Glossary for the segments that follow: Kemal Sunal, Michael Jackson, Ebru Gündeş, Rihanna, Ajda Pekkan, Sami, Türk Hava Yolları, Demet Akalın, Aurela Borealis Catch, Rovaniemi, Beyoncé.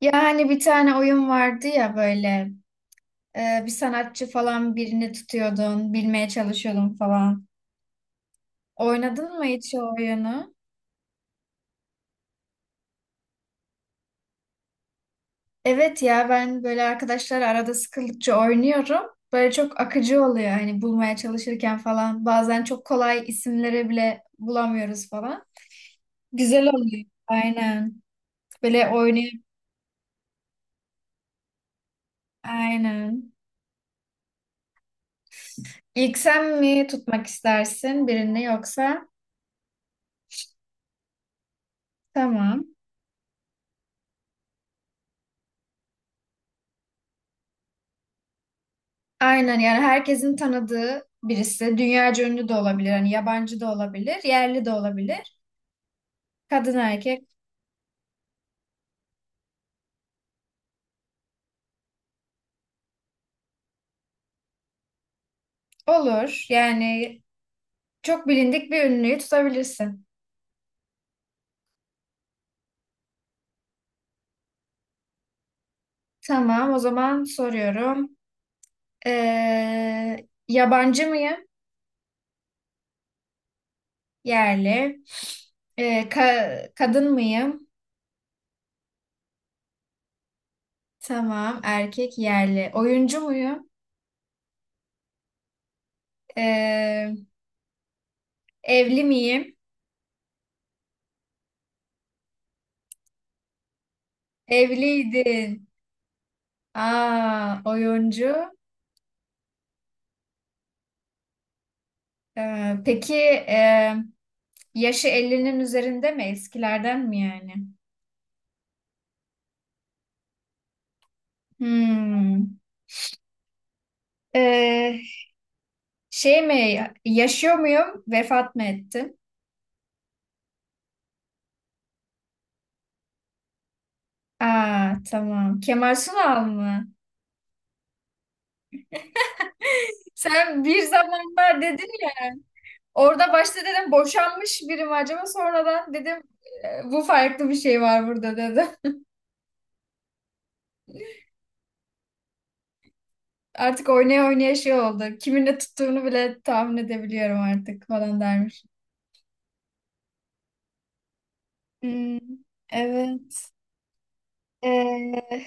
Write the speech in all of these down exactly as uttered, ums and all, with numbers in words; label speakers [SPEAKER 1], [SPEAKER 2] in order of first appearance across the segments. [SPEAKER 1] Ya hani bir tane oyun vardı ya böyle e, bir sanatçı falan birini tutuyordun, bilmeye çalışıyordun falan. Oynadın mı hiç o oyunu? Evet ya ben böyle arkadaşlar arada sıkıldıkça oynuyorum. Böyle çok akıcı oluyor hani bulmaya çalışırken falan. Bazen çok kolay isimleri bile bulamıyoruz falan. Güzel oluyor. Aynen. Böyle oynay Aynen. İlk sen mi tutmak istersin birini yoksa? Tamam. Aynen yani herkesin tanıdığı birisi. Dünyaca ünlü de olabilir. Hani yabancı da olabilir. Yerli de olabilir. Kadın erkek olur. Yani çok bilindik bir ünlüyü tutabilirsin. Tamam o zaman soruyorum. Ee, yabancı mıyım? Yerli. Ee, ka- kadın mıyım? Tamam erkek yerli. Oyuncu muyum? Ee, evli miyim? Evliydin. Aa, oyuncu. Ee, peki e, yaşı elli'nin üzerinde mi? Eskilerden mi yani? Hmm. Ee, şey mi? Yaşıyor muyum? Vefat mı ettim? Aa, tamam. Kemal Sunal mı? Sen bir zamanlar dedin ya. Orada başta dedim boşanmış biri mi acaba? Sonradan dedim "E, bu farklı bir şey var burada dedim." Artık oynaya oynaya şey oldu. Kiminle tuttuğunu bile tahmin edebiliyorum artık falan dermiş. Hmm, evet. Ee,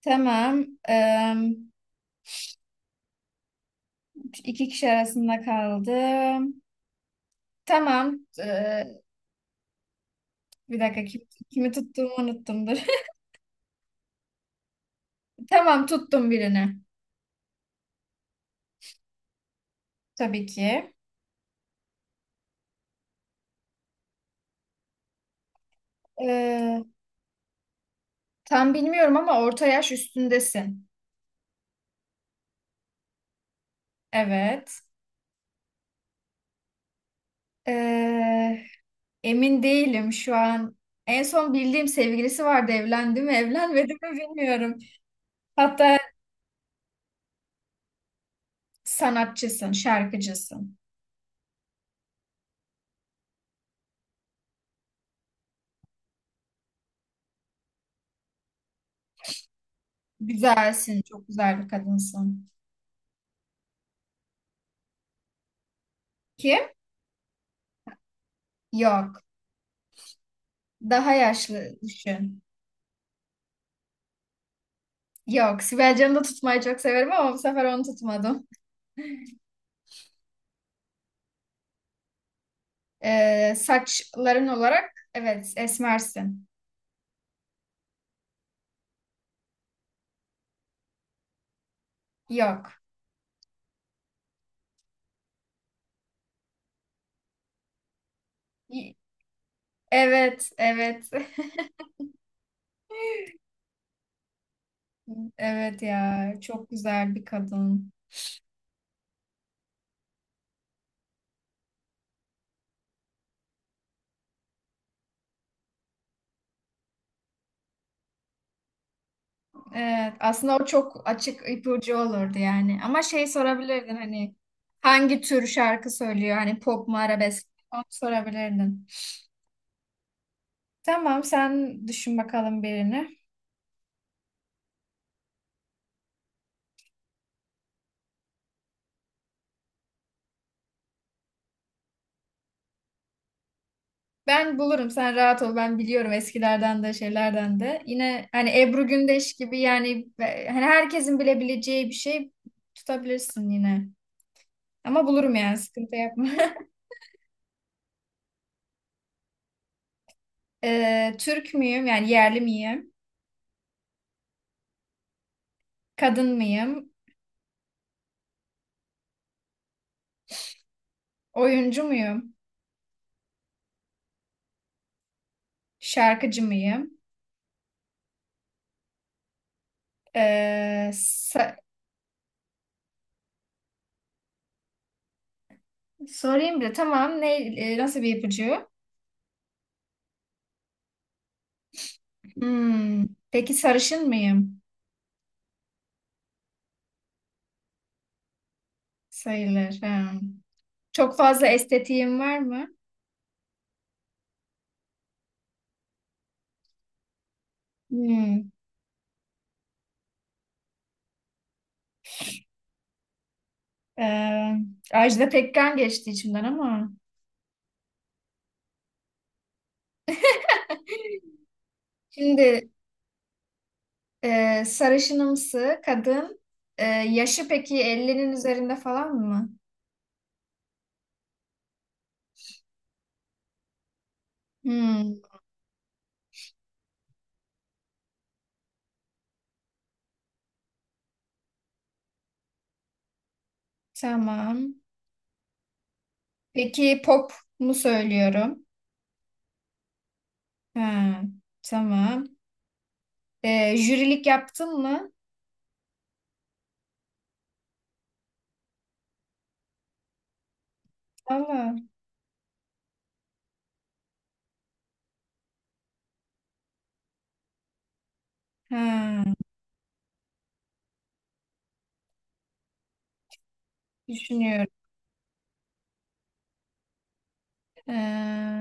[SPEAKER 1] tamam. Ee, iki kişi arasında kaldım. Tamam. Ee, bir dakika kim, kimi tuttuğumu unuttum. Dur. Tamam tuttum birini. Tabii ki. Ee, tam bilmiyorum ama orta yaş üstündesin. Evet. Ee, emin değilim şu an. En son bildiğim sevgilisi vardı. Evlendi mi, evlenmedi mi bilmiyorum. Hatta sanatçısın, şarkıcısın. Güzelsin. Çok güzel bir kadınsın. Kim? Yok. Daha yaşlı düşün. Yok. Sibel Can'ı da tutmayı çok severim ama bu sefer onu tutmadım. Ee, saçların olarak evet esmersin. Yok. Y- Evet. Evet. Evet ya. Çok güzel bir kadın. Evet. Aslında o çok açık ipucu olurdu yani. Ama şey sorabilirdin, hani hangi tür şarkı söylüyor? Hani pop mu, arabesk mi? Onu sorabilirdin. Tamam sen düşün bakalım birini. Ben bulurum, sen rahat ol, ben biliyorum eskilerden de şeylerden de. Yine hani Ebru Gündeş gibi yani, e, hani herkesin bilebileceği bir şey tutabilirsin yine. Ama bulurum yani, sıkıntı yapma. Ee, Türk müyüm, yani yerli miyim? Kadın mıyım? Oyuncu muyum? Şarkıcı mıyım? Ee, sa- sorayım bile tamam, ne e, nasıl bir ipucu? Hmm, peki sarışın mıyım? Sayılır. Ha. Çok fazla estetiğim var mı? Hmm. Ee, Ajda Pekkan geçti içimden ama. Şimdi e, sarışınımsı kadın, e, yaşı peki ellinin üzerinde falan mı? Hmm, tamam. Peki pop mu söylüyorum? Ha, tamam. E, jürilik yaptın mı? Allah. Ha, düşünüyorum. Ee,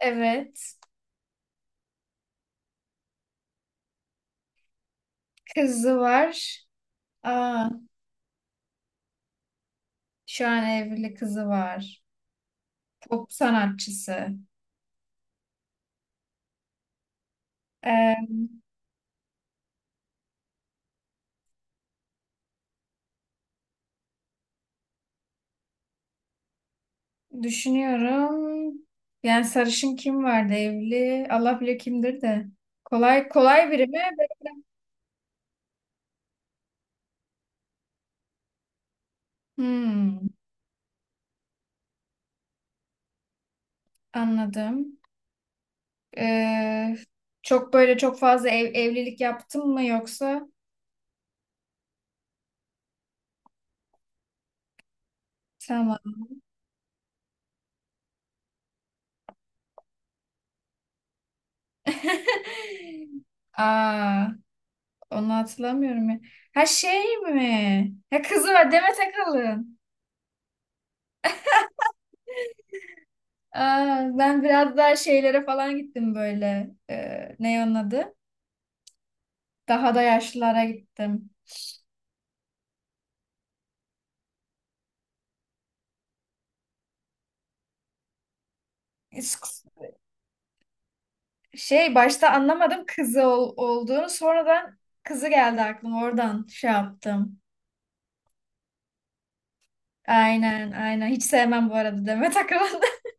[SPEAKER 1] evet. Kızı var. Aa, şu an evli kızı var. Pop sanatçısı. Ee, düşünüyorum. Yani sarışın kim vardı evli? Allah bilir kimdir de. Kolay kolay biri mi? Hmm, anladım. Ee, çok böyle çok fazla ev, evlilik yaptın mı yoksa? Tamam. Aa, onu hatırlamıyorum ya. Ha şey mi? Ha, kızı var, Demet Akalın. Aa, ben biraz daha şeylere falan gittim böyle. Ee, ne onun adı? Daha da yaşlılara gittim. İs- Şey, başta anlamadım kızı ol- olduğunu. Sonradan kızı geldi aklıma. Oradan şey yaptım. Aynen aynen. Hiç sevmem bu arada Demet Akalın.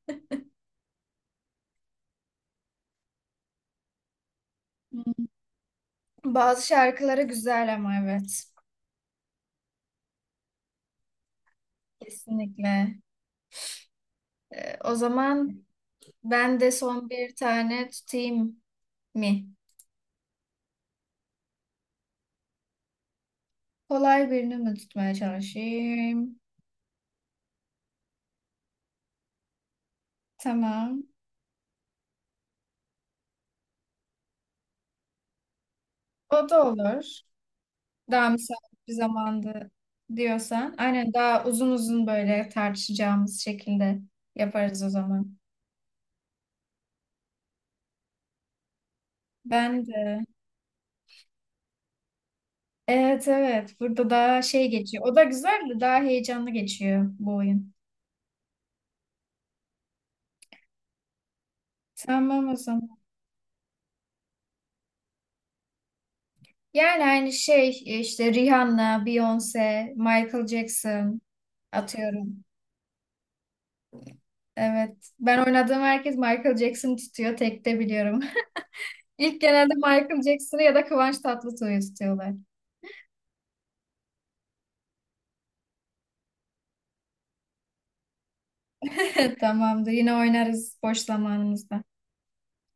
[SPEAKER 1] Hmm. Bazı şarkıları güzel ama, evet. Kesinlikle. Ee, o zaman ben de son bir tane tutayım mı? Kolay birini mi tutmaya çalışayım? Tamam. O da olur. Daha müsait bir zamandı diyorsan. Aynen, daha uzun uzun böyle tartışacağımız şekilde yaparız o zaman. Ben de. Evet, evet. Burada daha şey geçiyor. O da güzel de, daha heyecanlı geçiyor bu oyun. Tamam o zaman. Yani aynı şey, e, işte Rihanna, Beyoncé, Michael Jackson atıyorum. Evet. Ben oynadığım herkes Michael Jackson tutuyor. Tek de biliyorum. İlk genelde Michael Jackson'ı ya da Kıvanç Tatlıtuğ'u tutuyorlar. Evet, tamamdır. Yine oynarız boş zamanımızda.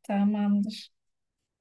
[SPEAKER 1] Tamamdır.